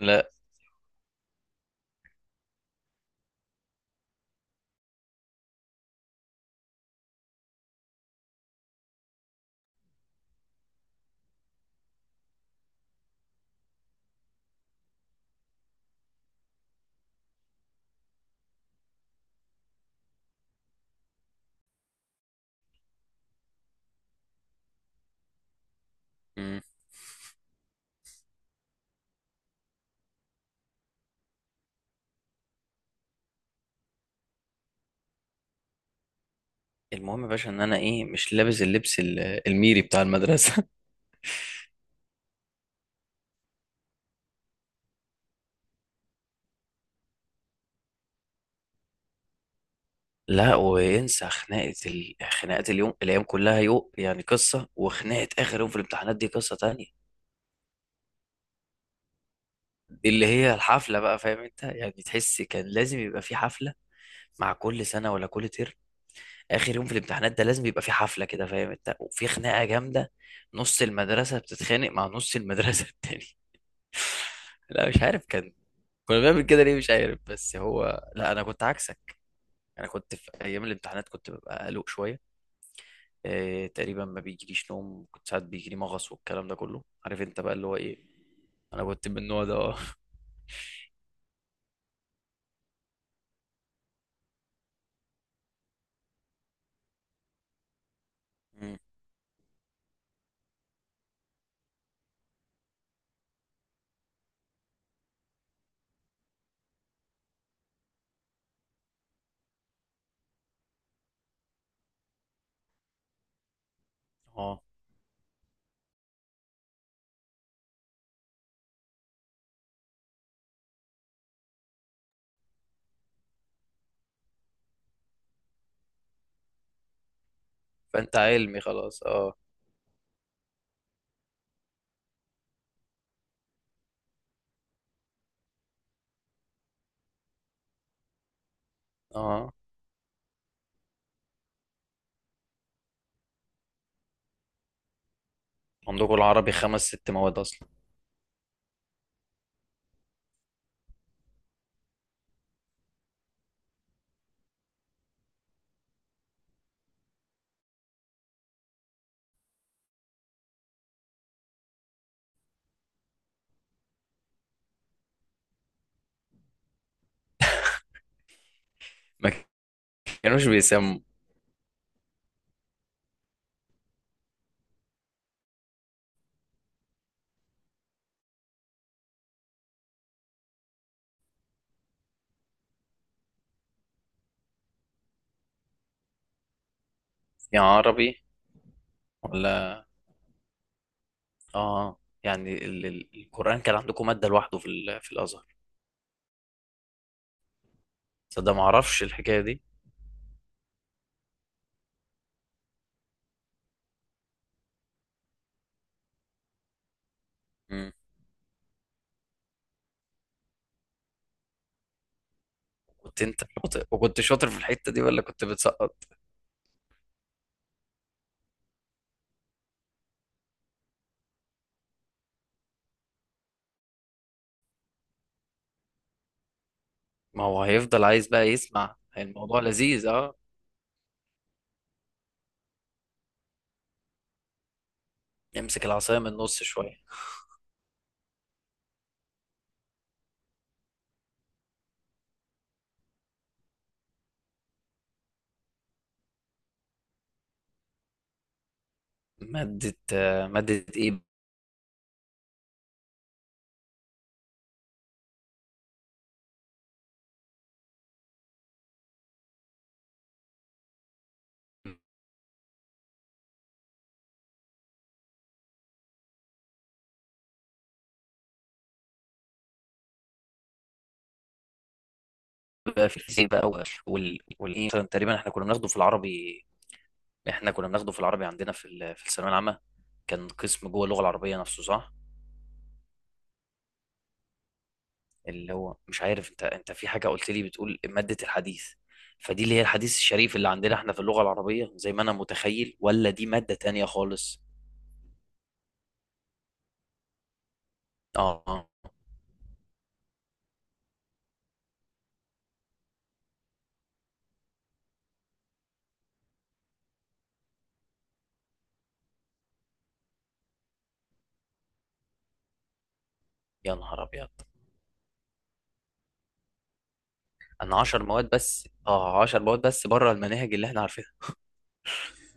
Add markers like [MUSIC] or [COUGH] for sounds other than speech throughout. لا. مم. المهم يا باشا ان انا ايه مش لابس اللبس الميري بتاع المدرسه. [LAUGHS] لا، وينسى خناقه خناقه اليوم، الايام كلها يوم يعني قصه، وخناقه اخر يوم في الامتحانات دي قصه تانية. اللي هي الحفله بقى، فاهم انت؟ يعني تحس كان لازم يبقى في حفله، مع كل سنه ولا كل ترم؟ اخر يوم في الامتحانات ده لازم يبقى في حفله كده، فاهم انت؟ وفي خناقه جامده. نص المدرسه بتتخانق مع نص المدرسه [LAUGHS] التاني. لا، مش عارف كان كنا بنعمل كده ليه، مش عارف. بس هو لا، انا كنت عكسك. انا كنت في ايام الامتحانات كنت ببقى قلق شويه، إيه، تقريبا ما بيجيليش نوم، كنت ساعات بيجيلي مغص والكلام ده كله، عارف انت بقى اللي هو ايه. انا كنت من النوع ده، اه. مم. اه. فانت علمي خلاص، اه. اه. عندكم العربي خمس ست مواد اصلا؟ ما كانوش بيسموا يا عربي ولا اه؟ يعني ال القرآن كان عندكم مادة لوحده في الأزهر؟ تصدق ما اعرفش الحكاية دي. مم. كنت انت شاطر؟ وكنت شاطر في الحتة دي ولا كنت بتسقط؟ ما هو هيفضل عايز بقى يسمع، الموضوع لذيذ، اه. يمسك العصاية من النص شوية. مادة ايه؟ بقى في الفيزياء بقى والايه مثلا، تقريبا احنا كنا بناخده في العربي. احنا كنا بناخده في العربي عندنا في الثانوية العامة. كان قسم جوه اللغة العربية نفسه، صح؟ اللي هو مش عارف، انت في حاجة قلت لي، بتقول مادة الحديث، فدي اللي هي الحديث الشريف اللي عندنا احنا في اللغة العربية زي ما انا متخيل، ولا دي مادة تانية خالص؟ اه. يا نهار ابيض. انا 10 مواد بس، 10 مواد بس بره المناهج اللي احنا عارفينها،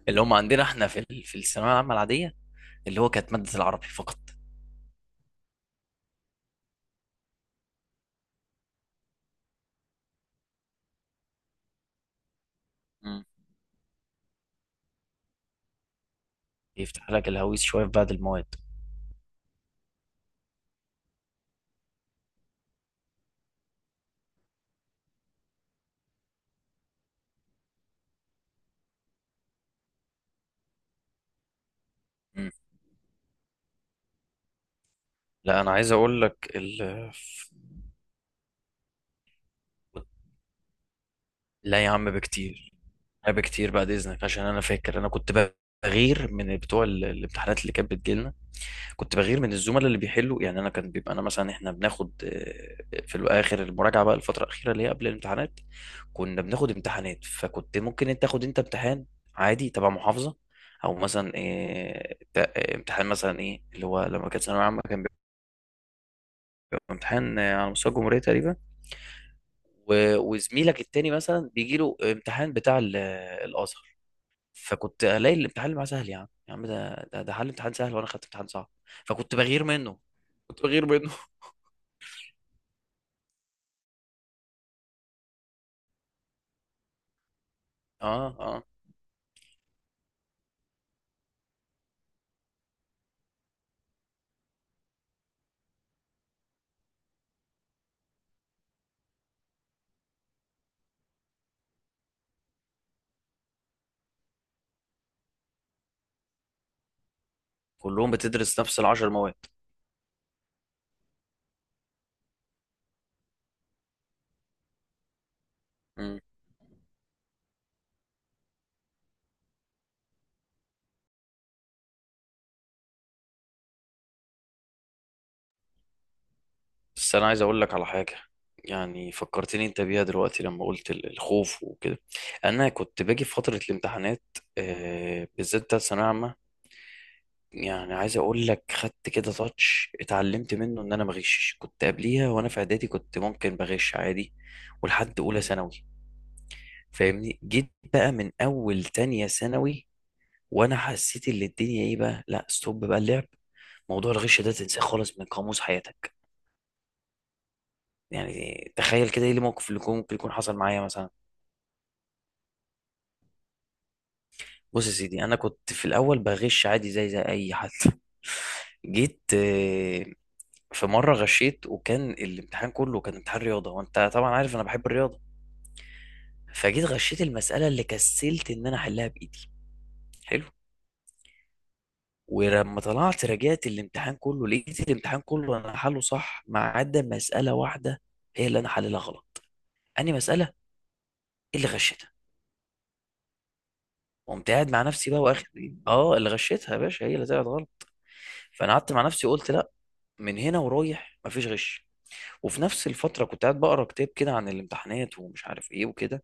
اللي هم عندنا احنا في الثانويه العامه العاديه، اللي هو كانت ماده العربي فقط. مم. يفتح لك الهويس شويه في بعض المواد. مم. لا، انا عايز اقول لك لا يا عم، بكتير. لا، بكتير، بعد اذنك، عشان انا فاكر انا كنت بغير من بتوع الامتحانات اللي كانت بتجيلنا. كنت بغير من الزملاء اللي بيحلوا، يعني انا كان بيبقى انا مثلا، احنا بناخد في الاخر المراجعه بقى، الفتره الاخيره اللي هي قبل الامتحانات، كنا بناخد امتحانات، فكنت ممكن انت تاخد انت امتحان عادي تبع محافظه، او مثلا امتحان مثلا ايه اللي هو، لما كانت ثانويه عامه كان بيبقى امتحان على مستوى الجمهوريه تقريبا. وزميلك التاني مثلا بيجي له امتحان بتاع الازهر. فكنت الاقي الامتحان اللي معاه سهل، يا عم يا عم، ده حل امتحان سهل وانا خدت امتحان صعب، فكنت بغير منه، كنت بغير منه. اه. اه، كلهم بتدرس نفس العشر مواد. مم. بس انا عايز اقول لك على حاجه، يعني فكرتني انت بيها دلوقتي لما قلت الخوف وكده. انا كنت باجي في فتره الامتحانات، بالذات بتاعت ثانويه عامه، يعني عايز اقول لك خدت كده تاتش، اتعلمت منه ان انا ما اغشش. كنت قبليها وانا في اعدادي كنت ممكن بغش عادي، ولحد اولى ثانوي، فاهمني؟ جيت بقى من اول تانية ثانوي وانا حسيت ان الدنيا ايه بقى، لا، ستوب بقى اللعب، موضوع الغش ده تنساه خالص من قاموس حياتك. يعني تخيل كده، ايه الموقف اللي ممكن يكون حصل معايا مثلا؟ بص يا سيدي، انا كنت في الاول بغش عادي زي اي حد. [LAUGHS] جيت في مره غشيت، وكان الامتحان كله كان امتحان رياضه، وانت طبعا عارف انا بحب الرياضه، فجيت غشيت المساله اللي كسلت ان انا احلها بايدي. حلو. ولما طلعت راجعت الامتحان كله، لقيت الامتحان كله انا حله صح ما عدا مساله واحده، هي اللي انا حللها غلط، اني مساله اللي غشيتها. قمت قاعد مع نفسي بقى، واخد. اه، اللي غشيتها يا باشا هي اللي طلعت غلط. فانا قعدت مع نفسي قلت لا، من هنا ورايح مفيش غش. وفي نفس الفتره كنت قاعد بقرا كتاب كده عن الامتحانات ومش عارف ايه وكده،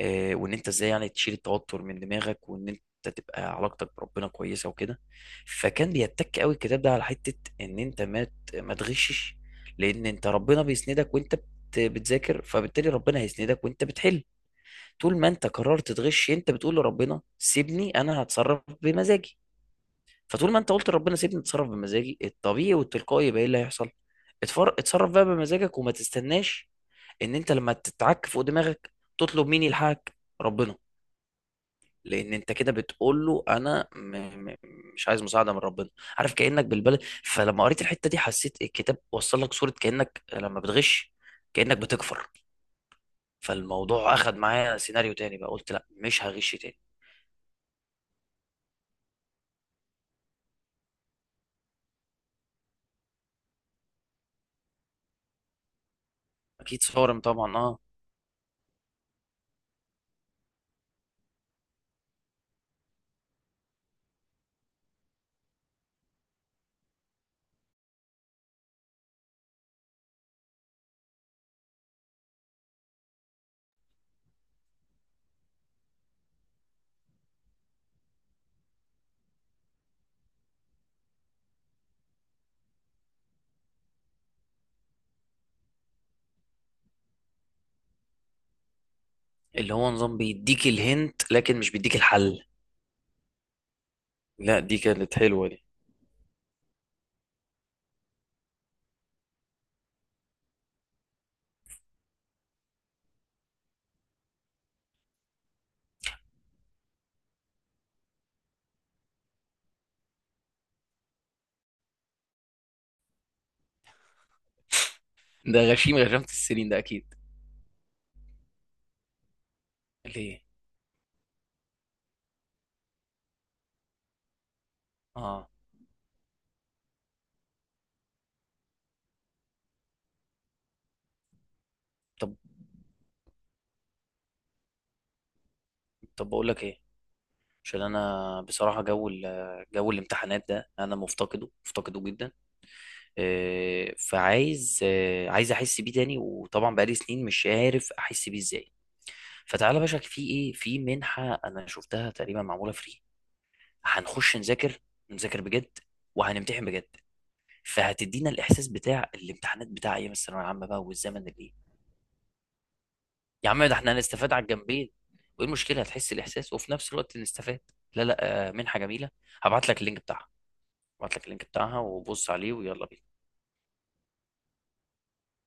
وان انت ازاي يعني تشيل التوتر من دماغك، وان انت تبقى علاقتك بربنا كويسه وكده. فكان بيتك قوي الكتاب ده على حته ان انت ما تغشش، لان انت ربنا بيسندك وانت بتذاكر، فبالتالي ربنا هيسندك وانت بتحل. طول ما انت قررت تغش، انت بتقول لربنا سيبني انا هتصرف بمزاجي. فطول ما انت قلت لربنا سيبني اتصرف بمزاجي الطبيعي والتلقائي، يبقى ايه اللي هيحصل؟ اتصرف بقى بمزاجك وما تستناش ان انت لما تتعك فوق دماغك تطلب مين يلحقك؟ ربنا. لان انت كده بتقول له انا م... مش عايز مساعده من ربنا. عارف كانك بالبلد؟ فلما قريت الحته دي، حسيت الكتاب وصل لك صوره كانك لما بتغش كانك بتكفر. فالموضوع اخد معايا سيناريو تاني بقى، قلت لا، مش هغش تاني. اكيد، صارم طبعا، اه. اللي هو نظام بيديك الهنت لكن مش بيديك الحل. لا، دي كانت حلوة دي. ده غشيم غشمت السنين ده اكيد. ليه؟ اه. طب طب بقول لك ايه، عشان انا بصراحة جو الامتحانات ده انا مفتقده، مفتقده جدا. فعايز آه، عايز احس بيه تاني، وطبعا بقالي سنين مش عارف احس بيه ازاي. فتعالى يا باشا، في منحة انا شفتها تقريبا معمولة فري، هنخش نذاكر، نذاكر بجد، وهنمتحن بجد، فهتدينا الاحساس بتاع الامتحانات بتاع ايام الثانوية العامة بقى والزمن اللي. يا عم ده احنا هنستفاد على الجنبين، وايه المشكله؟ هتحس الاحساس وفي نفس الوقت نستفاد. لا لا، منحه جميله، هبعت لك اللينك بتاعها. هبعت لك اللينك بتاعها وبص عليه، ويلا بينا.